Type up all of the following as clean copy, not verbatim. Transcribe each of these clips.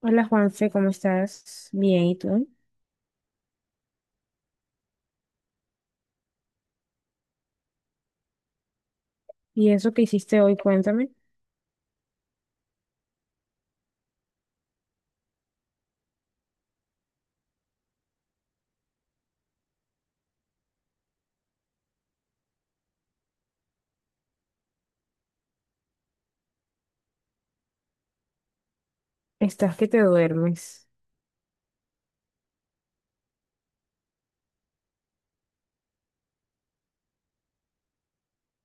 Hola Juanfe, ¿cómo estás? Bien, ¿y tú? ¿Y eso que hiciste hoy? Cuéntame. Estás que te duermes.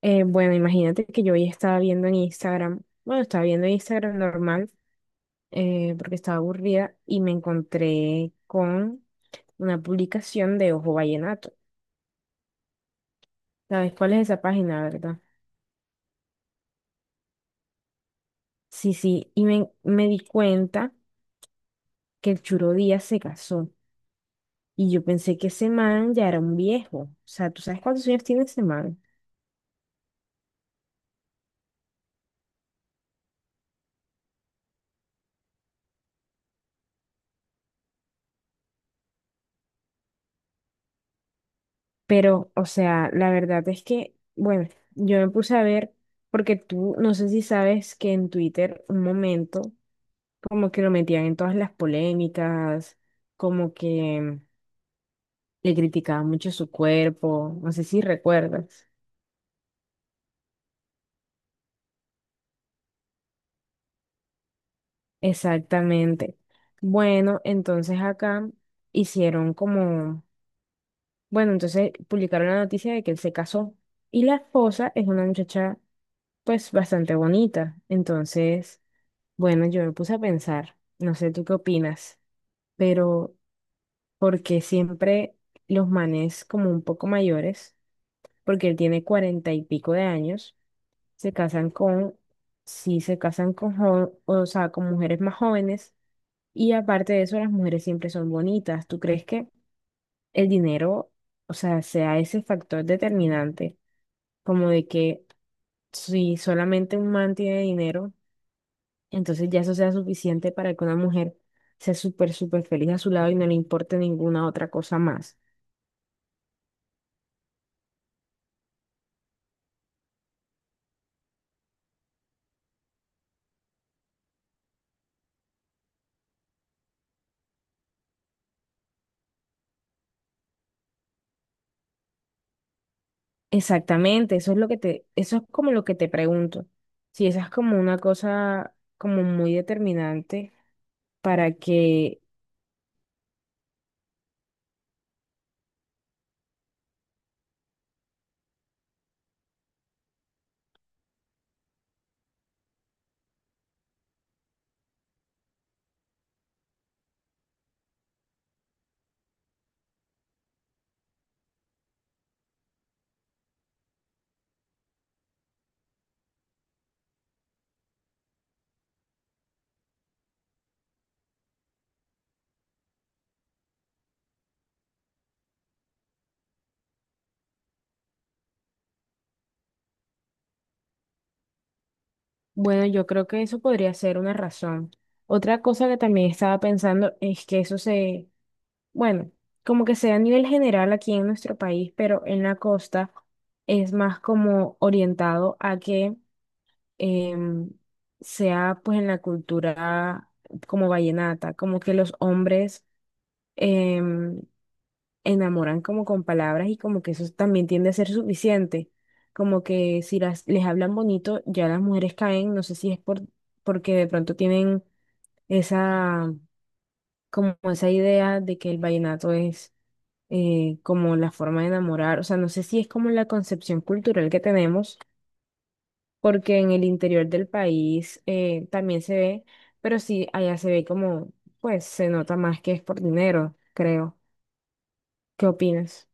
Bueno, Imagínate que yo hoy estaba viendo en Instagram, bueno, estaba viendo Instagram normal porque estaba aburrida y me encontré con una publicación de Ojo Vallenato. ¿Sabes cuál es esa página, verdad? Sí, sí, y me di cuenta que el Churo Díaz se casó y yo pensé que ese man ya era un viejo. O sea, ¿tú sabes cuántos años tiene ese man? Pero, o sea, la verdad es que, bueno, yo me puse a ver, porque tú, no sé si sabes que en Twitter un momento como que lo metían en todas las polémicas, como que le criticaban mucho su cuerpo, no sé si recuerdas. Exactamente. Bueno, entonces acá hicieron como, bueno, entonces publicaron la noticia de que él se casó y la esposa es una muchacha pues bastante bonita, entonces... Bueno, yo me puse a pensar, no sé tú qué opinas, pero porque siempre los manes como un poco mayores, porque él tiene cuarenta y pico de años, se casan con, sí, se casan con, o sea, con mujeres más jóvenes, y aparte de eso, las mujeres siempre son bonitas. ¿Tú crees que el dinero, o sea, sea ese factor determinante, como de que si solamente un man tiene dinero? Entonces ya eso sea suficiente para que una mujer sea súper, súper feliz a su lado y no le importe ninguna otra cosa más. Exactamente, eso es lo eso es como lo que te pregunto. Si esa es como una cosa como muy determinante para que, bueno, yo creo que eso podría ser una razón. Otra cosa que también estaba pensando es que eso se, bueno, como que sea a nivel general aquí en nuestro país, pero en la costa es más como orientado a que em, sea pues en la cultura como vallenata, como que los hombres em, enamoran como con palabras y como que eso también tiende a ser suficiente, como que si les hablan bonito ya las mujeres caen, no sé si es porque de pronto tienen esa, como esa idea de que el vallenato es... como la forma de enamorar, o sea, no sé si es como la concepción cultural que tenemos, porque en el interior del país también se ve, pero sí, allá se ve como, pues se nota más que es por dinero, creo. ¿Qué opinas?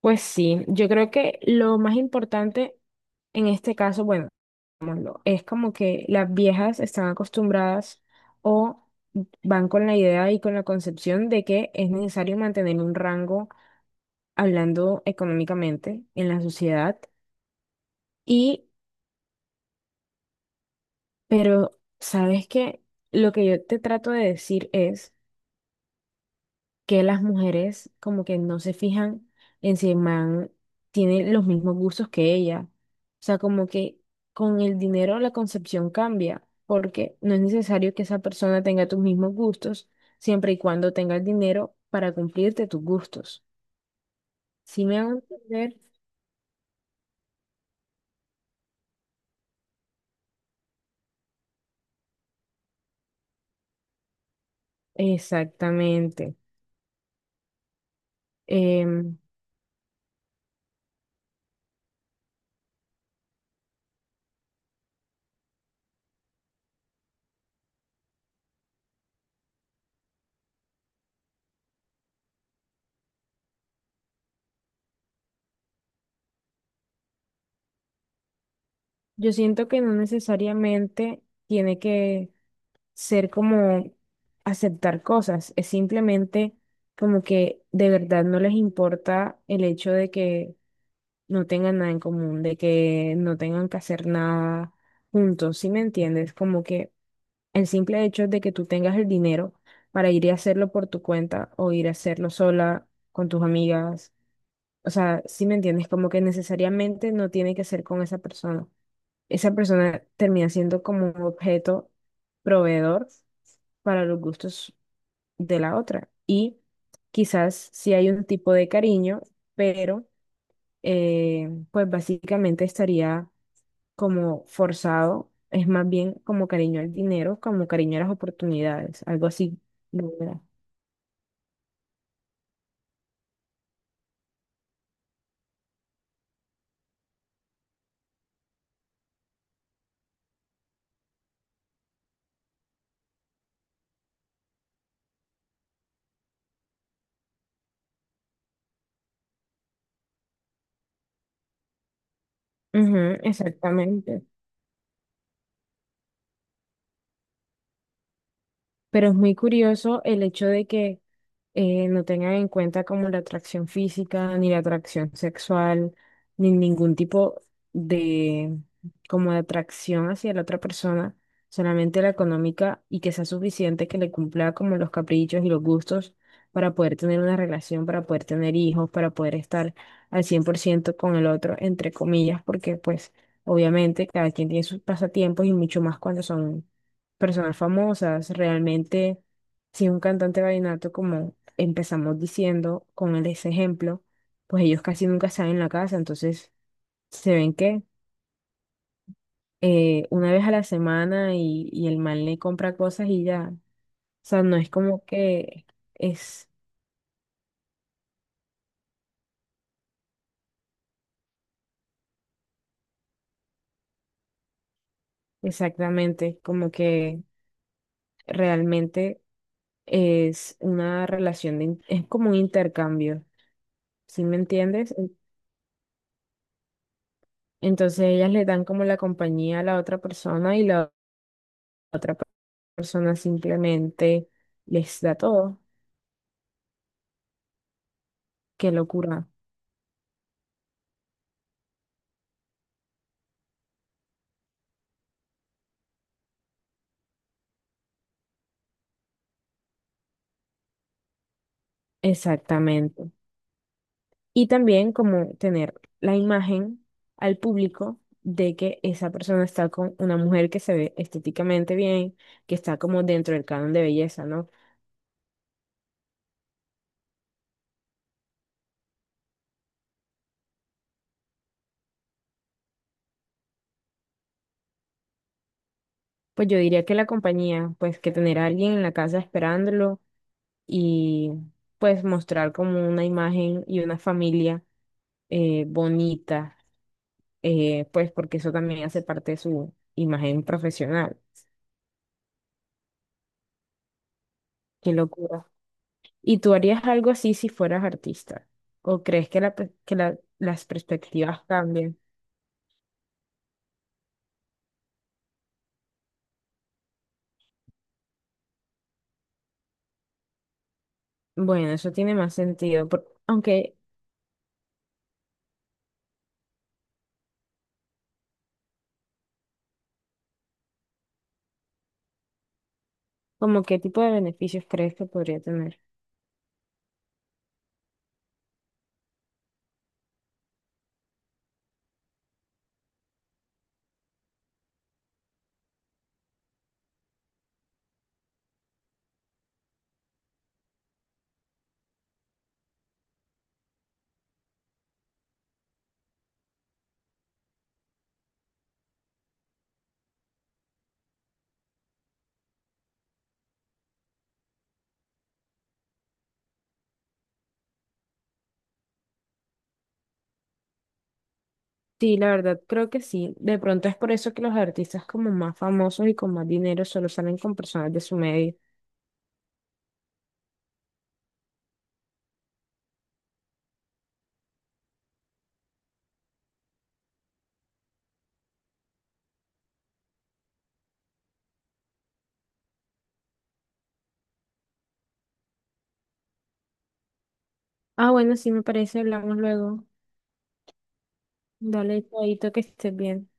Pues sí, yo creo que lo más importante en este caso, bueno, es como que las viejas están acostumbradas o van con la idea y con la concepción de que es necesario mantener un rango hablando económicamente en la sociedad. Y, pero, ¿sabes qué? Lo que yo te trato de decir es que las mujeres como que no se fijan en si el man tiene los mismos gustos que ella. O sea, como que con el dinero la concepción cambia, porque no es necesario que esa persona tenga tus mismos gustos, siempre y cuando tenga el dinero para cumplirte tus gustos. ¿Si me hago entender? Exactamente. Em, Yo siento que no necesariamente tiene que ser como aceptar cosas, es simplemente como que de verdad no les importa el hecho de que no tengan nada en común, de que no tengan que hacer nada juntos, ¿sí me entiendes? Como que el simple hecho de que tú tengas el dinero para ir y hacerlo por tu cuenta o ir a hacerlo sola con tus amigas, o sea, ¿sí me entiendes? Como que necesariamente no tiene que ser con esa persona. Esa persona termina siendo como un objeto proveedor para los gustos de la otra. Y quizás sí hay un tipo de cariño, pero pues básicamente estaría como forzado, es más bien como cariño al dinero, como cariño a las oportunidades, algo así. ¿No? Ujú, exactamente. Pero es muy curioso el hecho de que no tengan en cuenta como la atracción física, ni la atracción sexual, ni ningún tipo de como de atracción hacia la otra persona, solamente la económica y que sea suficiente que le cumpla como los caprichos y los gustos para poder tener una relación, para poder tener hijos, para poder estar al 100% con el otro, entre comillas, porque pues obviamente cada quien tiene sus pasatiempos y mucho más cuando son personas famosas. Realmente, si un cantante vallenato, como empezamos diciendo con ese ejemplo, pues ellos casi nunca están en la casa, entonces se ven que una vez a la semana y el man le compra cosas y ya. O sea, no es como que es exactamente como que realmente es una relación, es como un intercambio, ¿sí me entiendes? Entonces ellas le dan como la compañía a la otra persona y la otra persona simplemente les da todo. Qué locura. Exactamente. Y también como tener la imagen al público de que esa persona está con una mujer que se ve estéticamente bien, que está como dentro del canon de belleza, ¿no? Pues yo diría que la compañía, pues que tener a alguien en la casa esperándolo y pues mostrar como una imagen y una familia bonita, pues porque eso también hace parte de su imagen profesional. Qué locura. ¿Y tú harías algo así si fueras artista? ¿O crees que, la per- que la- las perspectivas cambien? Bueno, eso tiene más sentido, por- aunque como qué tipo de beneficios crees que podría tener. Sí, la verdad creo que sí. De pronto es por eso que los artistas como más famosos y con más dinero solo salen con personas de su medio. Ah, bueno, sí me parece, hablamos luego. Dale, chaito, que estés bien.